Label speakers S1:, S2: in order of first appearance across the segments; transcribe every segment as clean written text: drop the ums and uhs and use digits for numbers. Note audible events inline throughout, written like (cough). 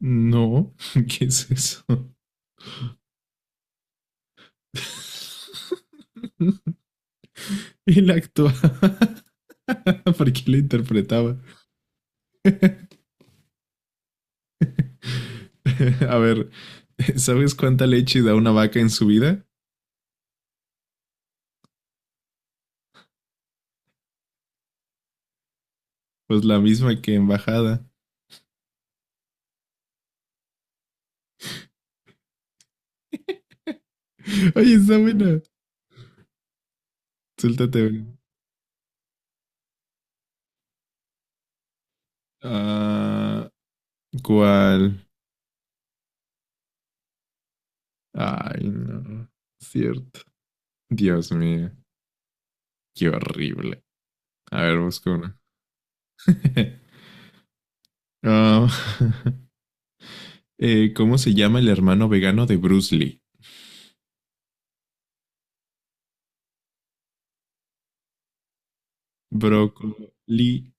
S1: No, (laughs) ¿qué es eso? (laughs) Él actuaba. (laughs) ¿Por qué lo interpretaba? (laughs) A ver, ¿sabes cuánta leche da una vaca en su vida? Pues la misma que en bajada. (laughs) Oye, está buena. Suéltate una. Ah, ¿cuál? Ay, no. Cierto. Dios mío, qué horrible. A ver, busco una. (laughs) Ah, (laughs) ¿cómo se llama el hermano vegano de Bruce Lee? Broccoli.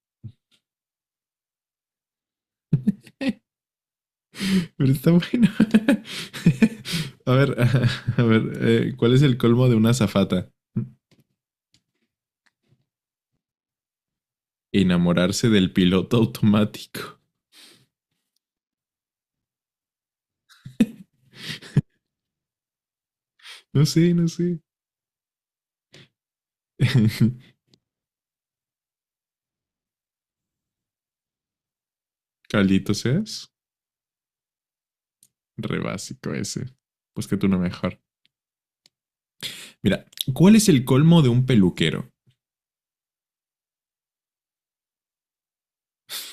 S1: Pero está bueno. (laughs) A ver, (laughs) a ver, ¿cuál es el colmo de una azafata? Enamorarse del piloto automático. No sé, no sé. (laughs) Caldito seas. Re básico ese. Búscate uno mejor. Mira, ¿cuál es el colmo de un peluquero?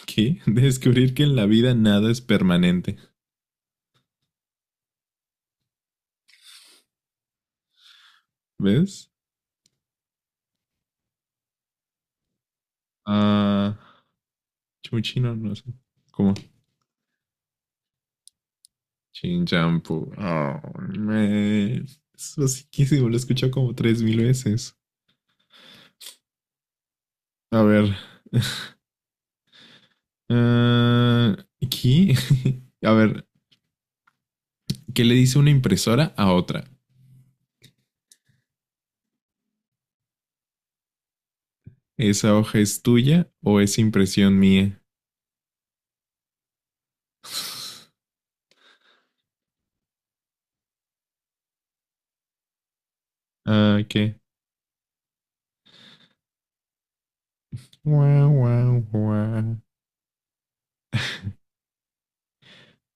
S1: ¿Qué? (laughs) Descubrir que en la vida nada es permanente. ¿Ves? Ah, chuchino, no sé. ¿Cómo? Shin Shampoo. Oh, man. Es basiquísimo, lo he escuchado como 3000 veces. A ver. Ah, aquí. (laughs) A ver, ¿qué le dice una impresora a otra? ¿Esa hoja es tuya o es impresión mía? (laughs) Ah, ¿qué? Guau, guau, guau.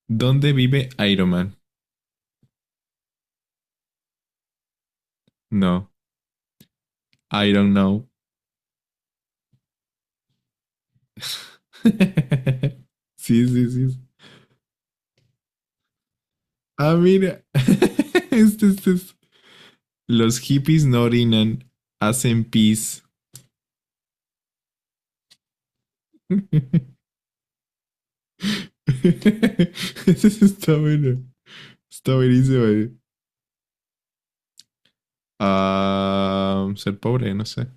S1: ¿Dónde vive Iron Man? No, I don't know. (laughs) Sí, sí, sí. Ah, mira. (laughs) Este es los hippies no orinan, hacen pis. (laughs) Eso está bueno. Está buenísimo. Eh. Ah, ser pobre, no sé.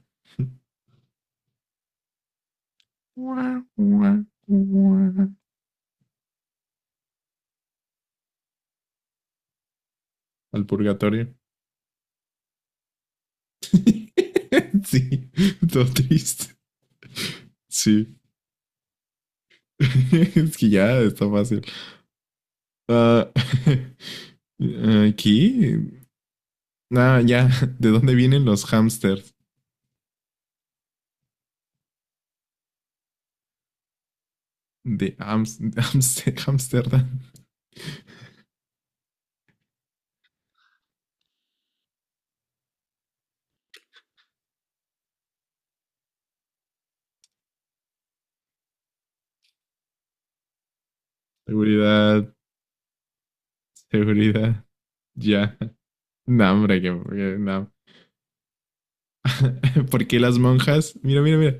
S1: Al purgatorio. (laughs) Sí, todo triste. Sí. (laughs) Es que ya está fácil. Ah, (laughs) aquí. Ah, ya. ¿De dónde vienen los hamsters? De Amsterdam. Seguridad, seguridad, ya. No, hombre, que no. (laughs) ¿Por qué las monjas? Mira, mira, mira.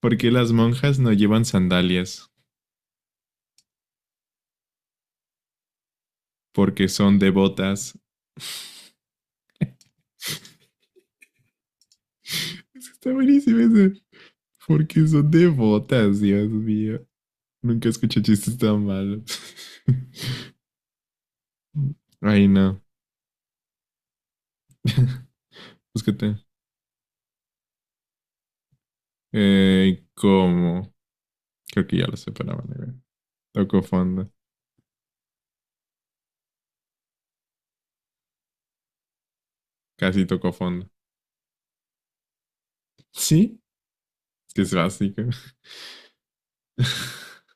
S1: ¿Por qué las monjas no llevan sandalias? Porque son devotas. (laughs) Está buenísimo ese. Porque son devotas, Dios mío. Nunca escuché chistes tan malos. (laughs) Ay, no. (laughs) Búscate. ¿Cómo? Creo que ya lo separaban. Tocó fondo. Casi tocó fondo. Sí, es que es básico. (laughs)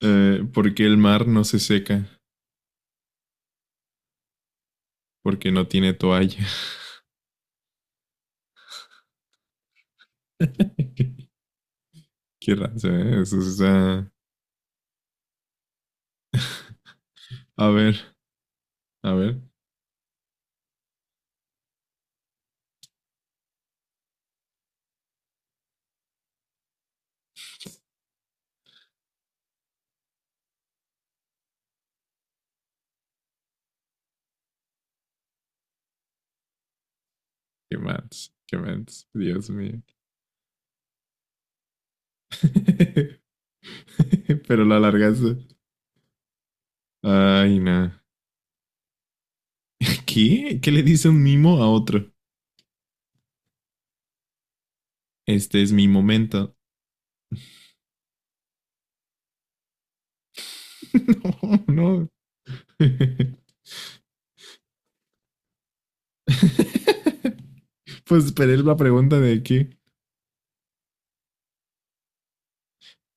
S1: ¿Por qué el mar no se seca? Porque no tiene toalla. (laughs) Qué raza, ¿eh? Eso está... A ver, a ver. Qué más, qué más. Dios mío. (laughs) Pero lo alargaste. Ay, no. ¿Qué? ¿Qué le dice un mimo a otro? Este es mi momento. (laughs) No, no. (laughs) Pues esperé la pregunta de qué.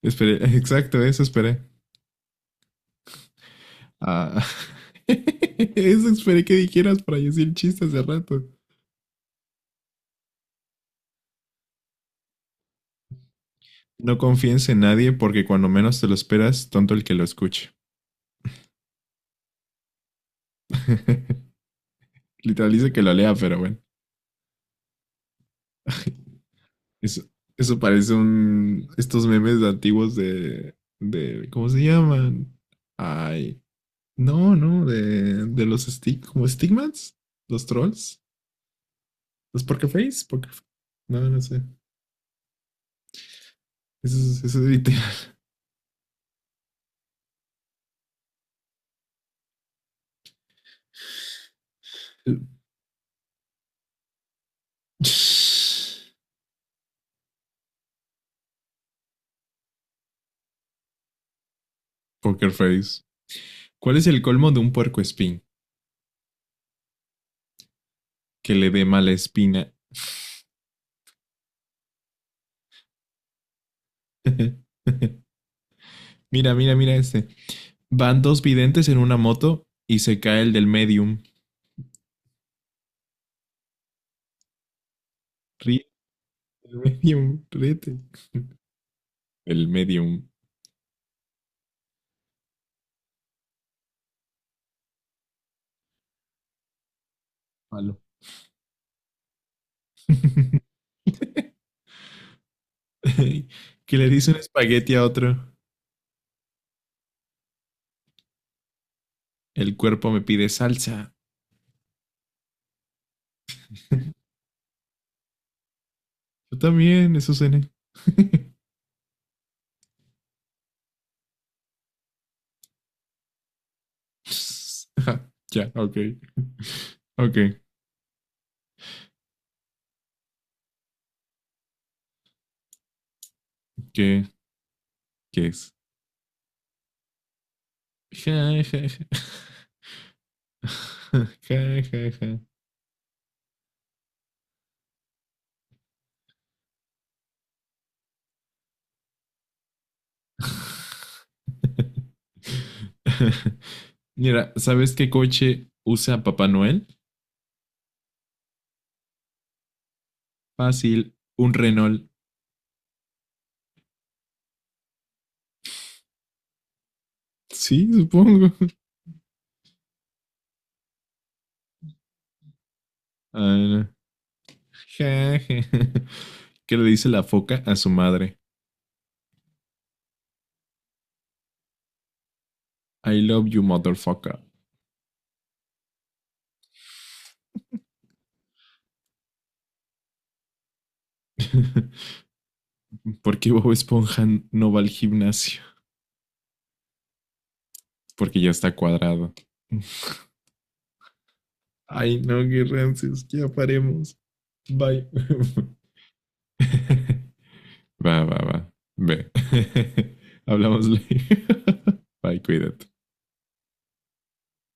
S1: Esperé, exacto, eso esperé. Ah, (laughs) eso esperé que dijeras para decir chistes de rato. No confíes en nadie porque cuando menos te lo esperas, tonto el que lo escuche. (laughs) Literal dice que lo lea, pero bueno. (laughs) Eso, eso parece un... Estos memes antiguos de ¿cómo se llaman? Ay. No, no, de los stick, como Stigmats, los trolls, los Pokerface, Pokerface. No, no sé. Eso es literal. (laughs) Pokerface. ¿Cuál es el colmo de un puercoespín? Que le dé mala espina. (laughs) Mira, mira, mira este. Van dos videntes en una moto y se cae el del medium. Ríe, el medium, ríete. El medium. Palo. (laughs) que le dice un espagueti a otro. El cuerpo me pide salsa. (laughs) Yo también, eso cené. (laughs) Ajá, ya, yeah, ok. Ok, ¿qué, qué es? Ja, ja, ja. (laughs) Ja, ja, ja. (laughs) Mira, ¿sabes qué coche usa Papá Noel? Fácil, un Renault. Sí, supongo. (laughs) Ah, ja, ja. (laughs) ¿Qué le dice la foca a su madre? I love you, motherfucker. (laughs) ¿Por qué Bob Esponja no va al gimnasio? Porque ya está cuadrado. Ay, no, qué rancios, ya paremos. Bye. (laughs) Va, va, va. Ve. (laughs) Hablamos luego. (laughs) Bye, cuídate.